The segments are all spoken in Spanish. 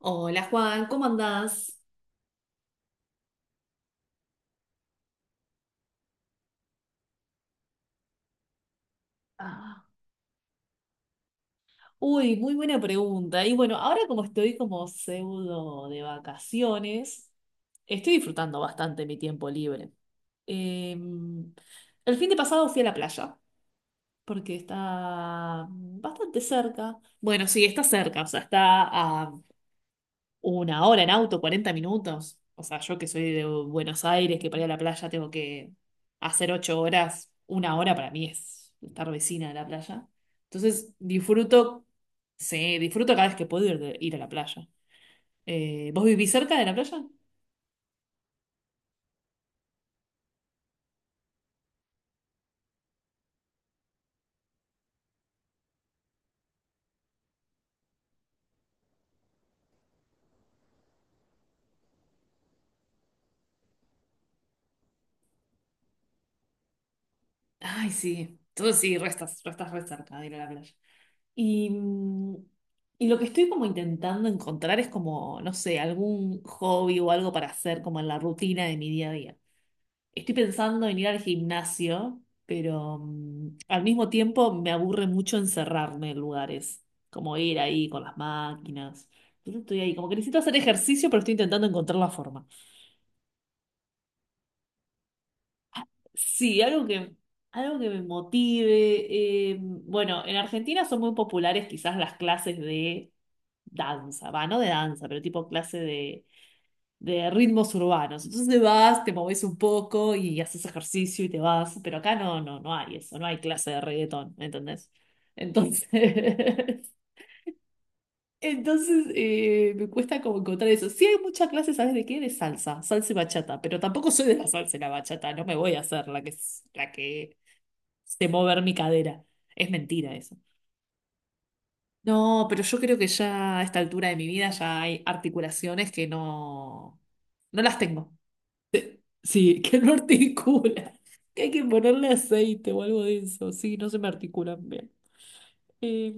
Hola Juan, ¿cómo andás? Ah, uy, muy buena pregunta. Y bueno, ahora como estoy como pseudo de vacaciones, estoy disfrutando bastante mi tiempo libre. Eh, el fin de pasado fui a la playa, porque está bastante cerca. Bueno, sí, está cerca, o sea, está a 1 hora en auto, 40 minutos. O sea, yo que soy de Buenos Aires, que para ir a la playa tengo que hacer 8 horas, 1 hora para mí es estar vecina de la playa. Entonces, disfruto, sí, disfruto cada vez que puedo ir, ir a la playa. ¿Vos vivís cerca de la playa? Ay, sí. Entonces sí, restas re cerca de ir a la playa. Y, mm, y lo que estoy como intentando encontrar es como, no sé, algún hobby o algo para hacer como en la rutina de mi día a día. Estoy pensando en ir al gimnasio, pero al mismo tiempo me aburre mucho encerrarme en lugares, como ir ahí con las máquinas. Yo no estoy ahí, como que necesito hacer ejercicio, pero estoy intentando encontrar la forma. Sí, algo que me motive. Bueno, en Argentina son muy populares quizás las clases de danza, va, no de danza, pero tipo clase de ritmos urbanos. Entonces te vas, te moves un poco y haces ejercicio y te vas, pero acá no, no, no hay eso, no hay clase de reggaetón, ¿entendés? Entonces, entonces me cuesta como encontrar eso. Sí hay muchas clases, ¿sabes de qué? De salsa, salsa y bachata, pero tampoco soy de la salsa y la bachata, no me voy a hacer la que se mover mi cadera. Es mentira eso. No, pero yo creo que ya a esta altura de mi vida ya hay articulaciones que no, no las tengo. Sí, que no articula. Que hay que ponerle aceite o algo de eso. Sí, no se me articulan bien. Eh,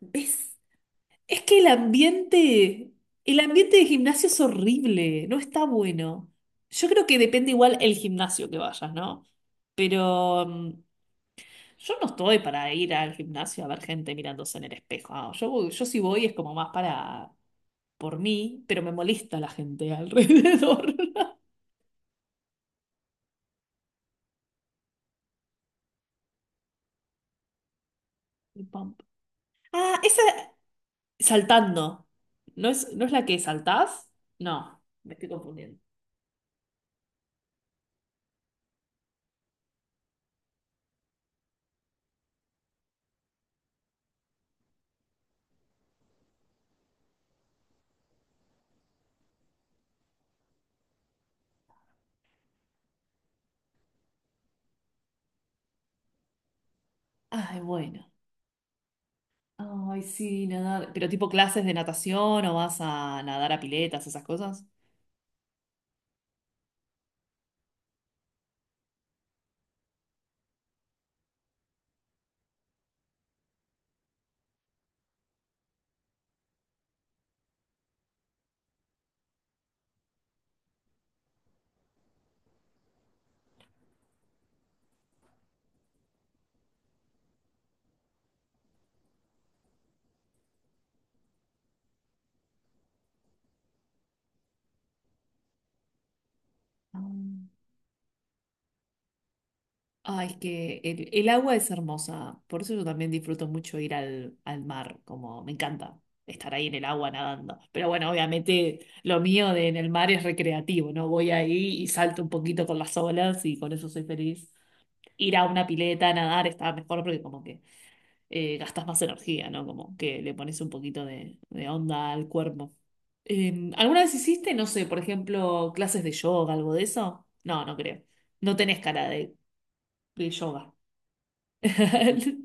¿Ves? Es que el ambiente de gimnasio es horrible, no está bueno. Yo creo que depende igual el gimnasio que vayas, ¿no? Pero yo no estoy para ir al gimnasio a ver gente mirándose en el espejo. Ah, yo si voy es como más para por mí, pero me molesta la gente alrededor. El pump. Ah, esa, saltando. ¿No es la que saltás? No, me estoy confundiendo. Ay, bueno. Ay, sí, nadar. Pero tipo clases de natación o vas a nadar a piletas, esas cosas. Ah. Ay, es que el agua es hermosa. Por eso yo también disfruto mucho ir al mar. Como me encanta estar ahí en el agua nadando. Pero bueno, obviamente lo mío de en el mar es recreativo, ¿no? Voy ahí y salto un poquito con las olas y con eso soy feliz. Ir a una pileta a nadar está mejor porque como que gastas más energía, ¿no? Como que le pones un poquito de onda al cuerpo. ¿Alguna vez hiciste, no sé, por ejemplo, clases de yoga, algo de eso? No, no creo. No tenés cara de yoga.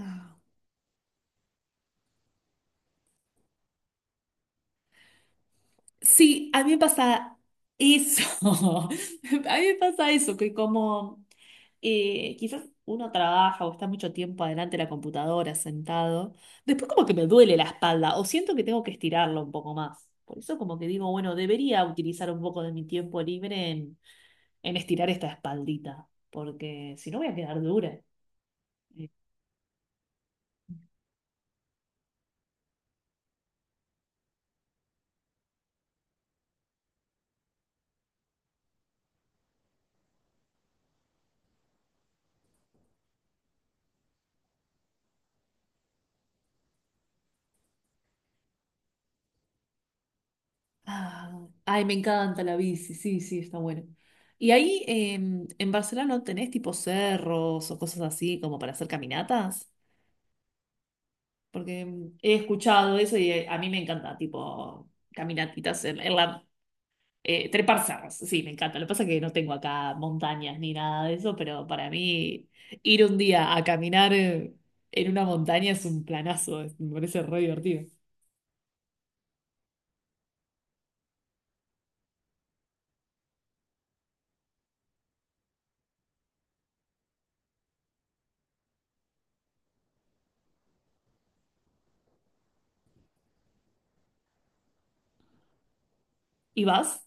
Ah. Sí, a mí me pasa eso. A mí me pasa eso, que como quizás uno trabaja o está mucho tiempo adelante de la computadora sentado, después como que me duele la espalda o siento que tengo que estirarlo un poco más. Por eso como que digo, bueno, debería utilizar un poco de mi tiempo libre en estirar esta espaldita, porque si no voy a quedar dura. Ah, ay, me encanta la bici, sí, sí, está bueno. ¿Y ahí en Barcelona no tenés tipo cerros o cosas así como para hacer caminatas? Porque he escuchado eso y a mí me encanta, tipo caminatitas en la... Trepar cerros, sí, me encanta. Lo que pasa es que no tengo acá montañas ni nada de eso, pero para mí ir un día a caminar en una montaña es un planazo, me parece re divertido. ¿Y vas?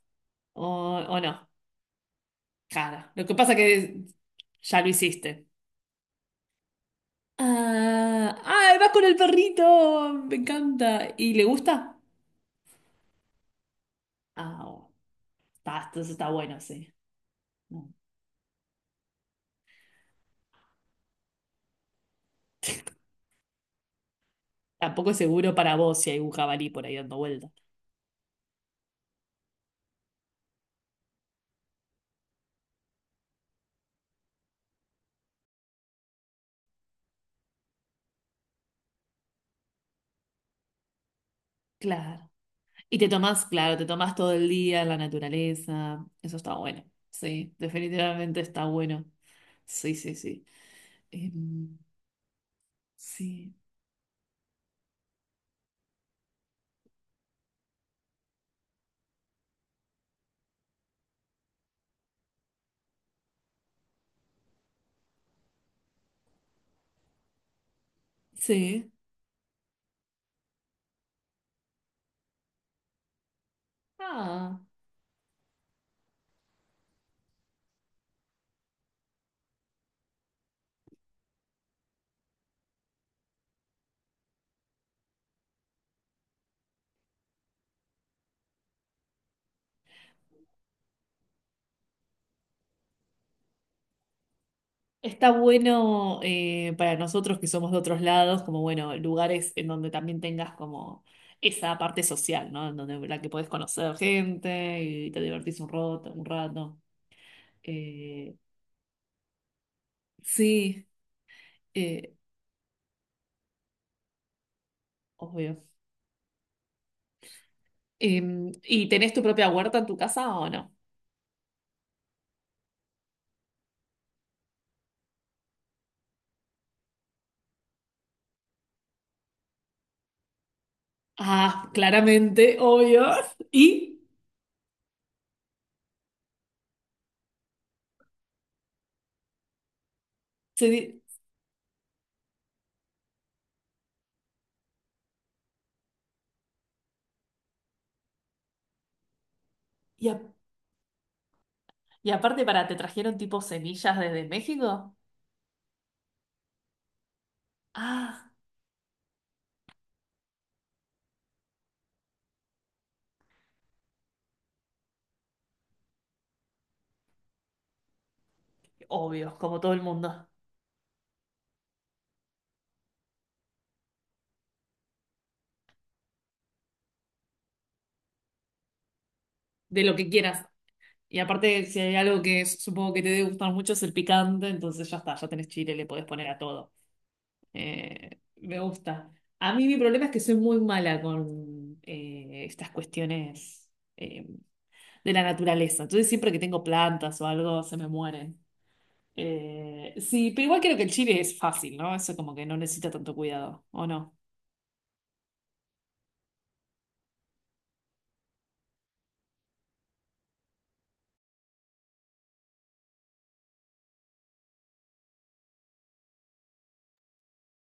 ¿O, o no? Claro. Lo que pasa es que ya lo hiciste. Ah, ah, ¡vas con el perrito! Me encanta. ¿Y le gusta? Ah, oh, está, entonces está bueno, sí. No. Tampoco es seguro para vos si hay un jabalí por ahí dando vuelta. Claro. Y te tomás, claro, te tomás todo el día en la naturaleza. Eso está bueno. Sí, definitivamente está bueno. Sí, sí, sí. Em, sí, sí. Ah. Está bueno para nosotros que somos de otros lados, como bueno, lugares en donde también tengas como esa parte social, ¿no? En donde la que podés conocer gente y te divertís un rato, un rato. Eh, sí, eh, obvio. ¿Y tenés tu propia huerta en tu casa o no? Ah, claramente, obvio. Y, se di- y, a- y aparte para, ¿te trajeron tipo semillas desde México? Ah, obvio, como todo el mundo. De lo que quieras. Y aparte, si hay algo que supongo que te debe gustar mucho es el picante, entonces ya está, ya tenés chile, le podés poner a todo. Me gusta. A mí mi problema es que soy muy mala con estas cuestiones eh, de la naturaleza. Entonces siempre que tengo plantas o algo, se me mueren. Sí, pero igual creo que el chile es fácil, ¿no? Eso como que no necesita tanto cuidado, ¿o no?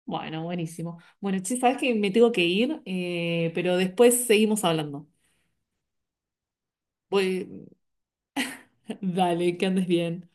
Bueno, buenísimo. Bueno, che, sabes que me tengo que ir, pero después seguimos hablando. Voy, dale, que andes bien.